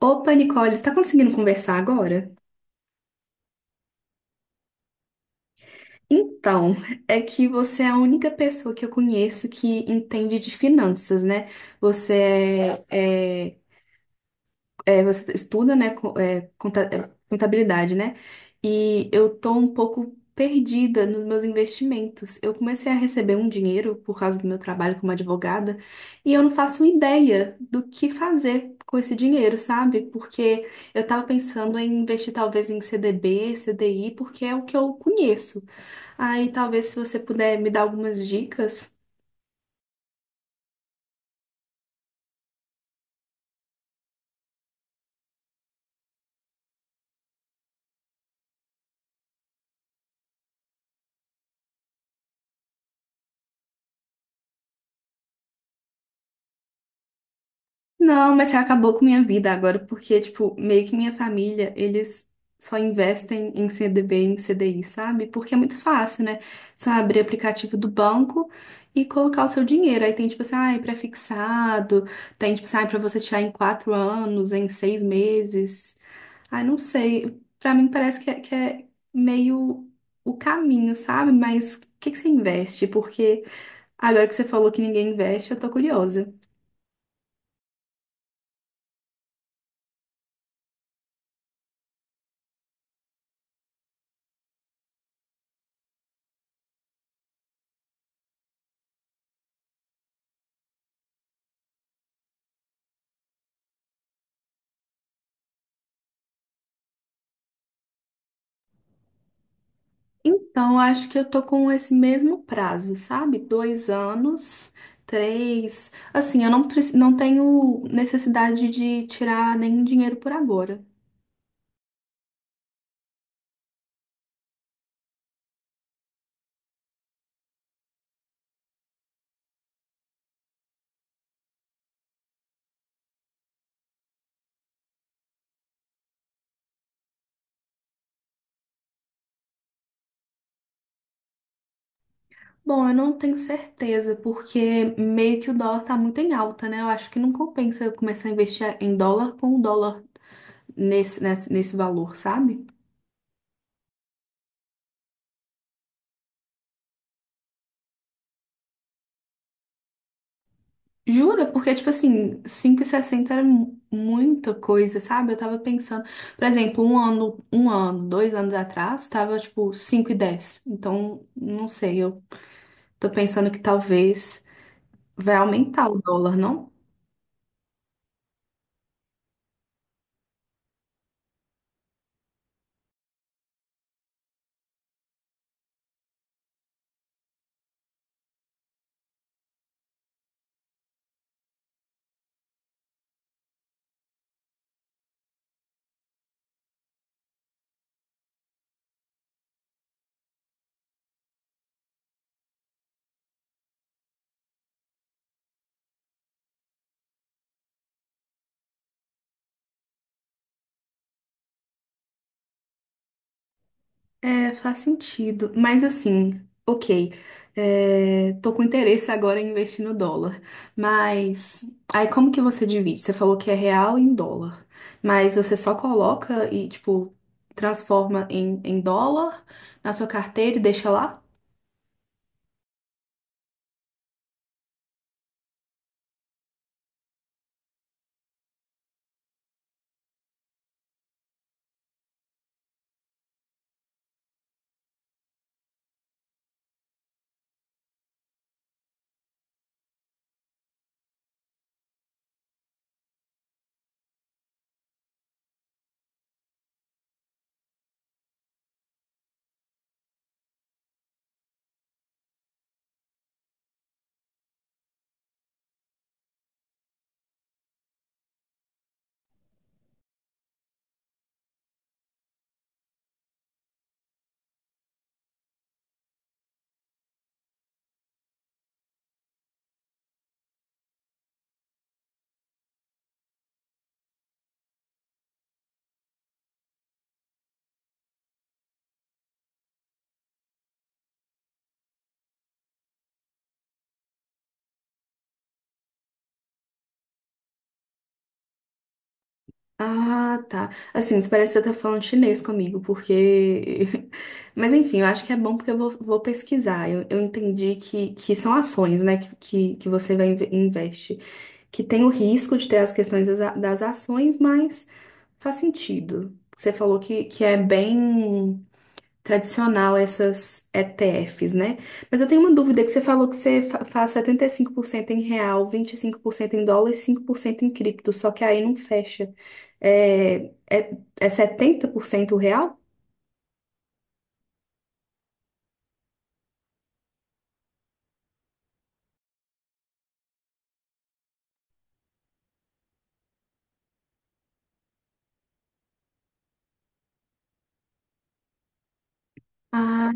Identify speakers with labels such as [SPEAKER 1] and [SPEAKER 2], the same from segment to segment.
[SPEAKER 1] Opa, Nicole, está conseguindo conversar agora? Então, é que você é a única pessoa que eu conheço que entende de finanças, né? Você é, é, você estuda, né, contabilidade, né? E eu tô um pouco perdida nos meus investimentos. Eu comecei a receber um dinheiro por causa do meu trabalho como advogada e eu não faço ideia do que fazer com esse dinheiro, sabe? Porque eu tava pensando em investir talvez em CDB, CDI, porque é o que eu conheço. Aí talvez se você puder me dar algumas dicas. Não, mas você acabou com minha vida agora, porque, tipo, meio que minha família, eles só investem em CDB, em CDI, sabe? Porque é muito fácil, né? Só abrir aplicativo do banco e colocar o seu dinheiro. Aí tem, tipo assim, ai, pré-fixado, tem, tipo assim, ai, pra você tirar em 4 anos, em 6 meses. Ai, não sei. Pra mim parece que é meio o caminho, sabe? Mas o que que você investe? Porque agora que você falou que ninguém investe, eu tô curiosa. Então, acho que eu tô com esse mesmo prazo, sabe? 2 anos, três. Assim, eu não, preci- não tenho necessidade de tirar nenhum dinheiro por agora. Bom, eu não tenho certeza, porque meio que o dólar tá muito em alta, né? Eu acho que não compensa eu começar a investir em dólar com o dólar nesse valor, sabe? Jura? Porque, tipo assim, cinco e sessenta era muita coisa, sabe? Eu tava pensando, por exemplo, um ano, 2 anos atrás, tava, tipo, cinco e dez. Então, não sei, eu tô pensando que talvez vai aumentar o dólar, não? É, faz sentido. Mas assim, ok. É, tô com interesse agora em investir no dólar. Mas aí como que você divide? Você falou que é real em dólar. Mas você só coloca e, tipo, transforma em, dólar na sua carteira e deixa lá? Ah, tá. Assim, isso parece que você tá falando chinês comigo, porque. Mas enfim, eu acho que é bom porque vou pesquisar. Eu entendi que são ações, né, que você vai investe. Que tem o risco de ter as questões das ações, mas faz sentido. Você falou que é bem tradicional essas ETFs, né? Mas eu tenho uma dúvida que você falou que você faz 75% em real, 25% em dólar e 5% em cripto, só que aí não fecha. É, é 70% real? Ah,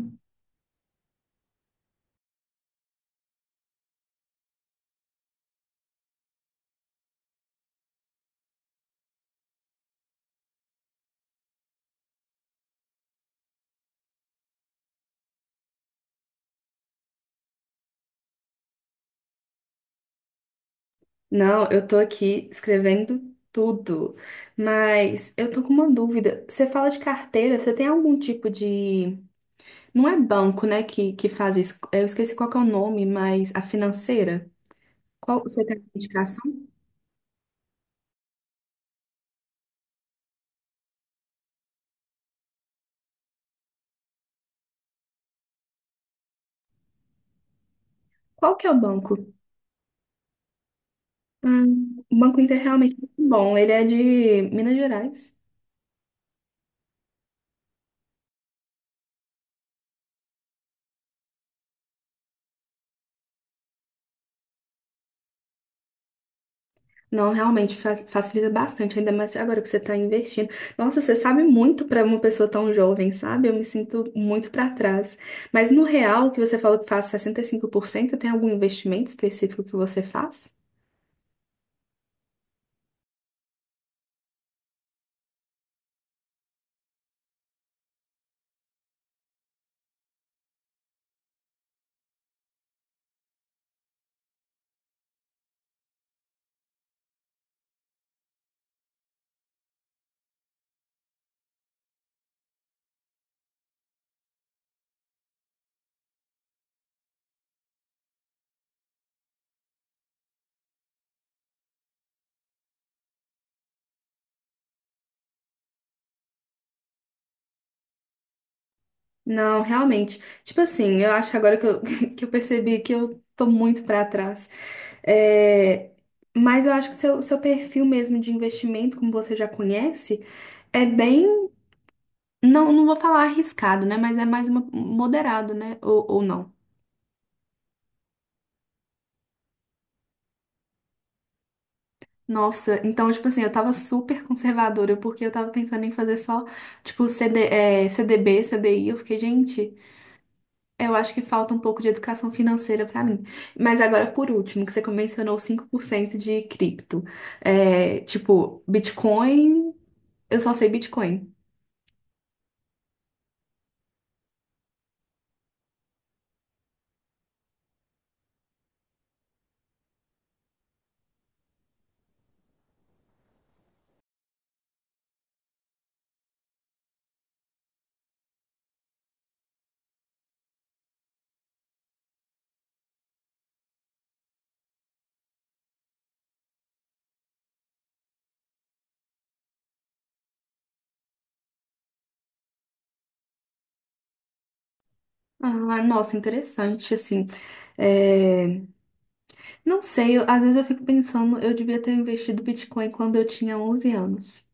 [SPEAKER 1] não, eu tô aqui escrevendo tudo, mas eu tô com uma dúvida. Você fala de carteira, você tem algum tipo de. Não é banco, né, que faz isso. Eu esqueci qual que é o nome, mas a financeira. Qual, você tem uma indicação? Qual que é o banco? O Banco Inter realmente é muito bom. Ele é de Minas Gerais. Não, realmente facilita bastante, ainda mais agora que você está investindo. Nossa, você sabe muito para uma pessoa tão jovem, sabe? Eu me sinto muito para trás. Mas no real, que você falou que faz 65%, tem algum investimento específico que você faz? Não, realmente. Tipo assim, eu acho que agora que eu percebi que eu tô muito pra trás. É, mas eu acho que seu perfil mesmo de investimento, como você já conhece, é bem. Não, não vou falar arriscado, né? Mas é mais moderado, né? Ou não. Nossa, então, tipo assim, eu tava super conservadora, porque eu tava pensando em fazer só, tipo, CDB, CDI. Eu fiquei, gente. Eu acho que falta um pouco de educação financeira para mim. Mas agora, por último, que você mencionou 5% de cripto. É, tipo, eu só sei Bitcoin. Ah, nossa, interessante, assim. É, não sei, às vezes eu fico pensando, eu devia ter investido Bitcoin quando eu tinha 11 anos.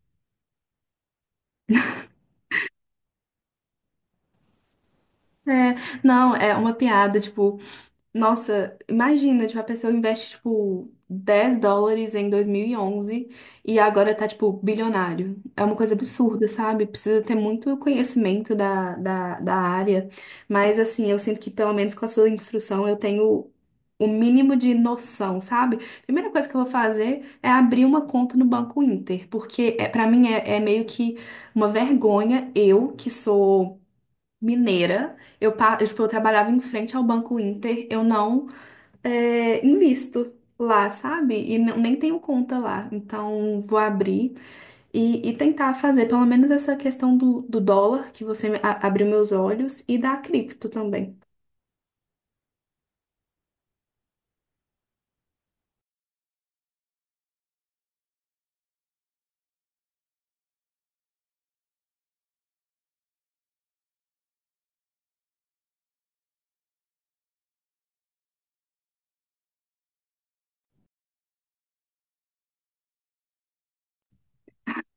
[SPEAKER 1] É, não, é uma piada, tipo, nossa, imagina, tipo, a pessoa investe, tipo, 10 dólares em 2011 e onze e agora tá, tipo, bilionário. É uma coisa absurda, sabe? Precisa ter muito conhecimento da área. Mas, assim, eu sinto que, pelo menos com a sua instrução, eu tenho o mínimo de noção, sabe? Primeira coisa que eu vou fazer é abrir uma conta no Banco Inter, porque para mim é meio que uma vergonha eu, que sou mineira, eu, tipo, eu trabalhava em frente ao Banco Inter, eu não é, invisto lá, sabe? E nem tenho conta lá. Então, vou abrir e tentar fazer pelo menos essa questão do, do dólar, que você abriu meus olhos, e da cripto também.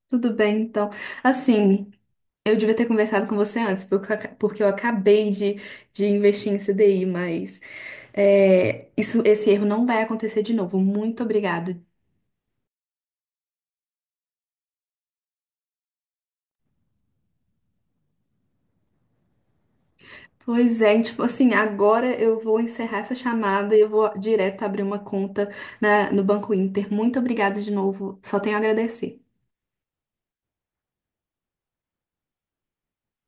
[SPEAKER 1] Tudo bem, então. Assim, eu devia ter conversado com você antes, porque porque eu acabei de investir em CDI, mas esse erro não vai acontecer de novo. Muito obrigada. Pois é, e, tipo assim, agora eu vou encerrar essa chamada e eu vou direto abrir uma conta no Banco Inter. Muito obrigada de novo, só tenho a agradecer.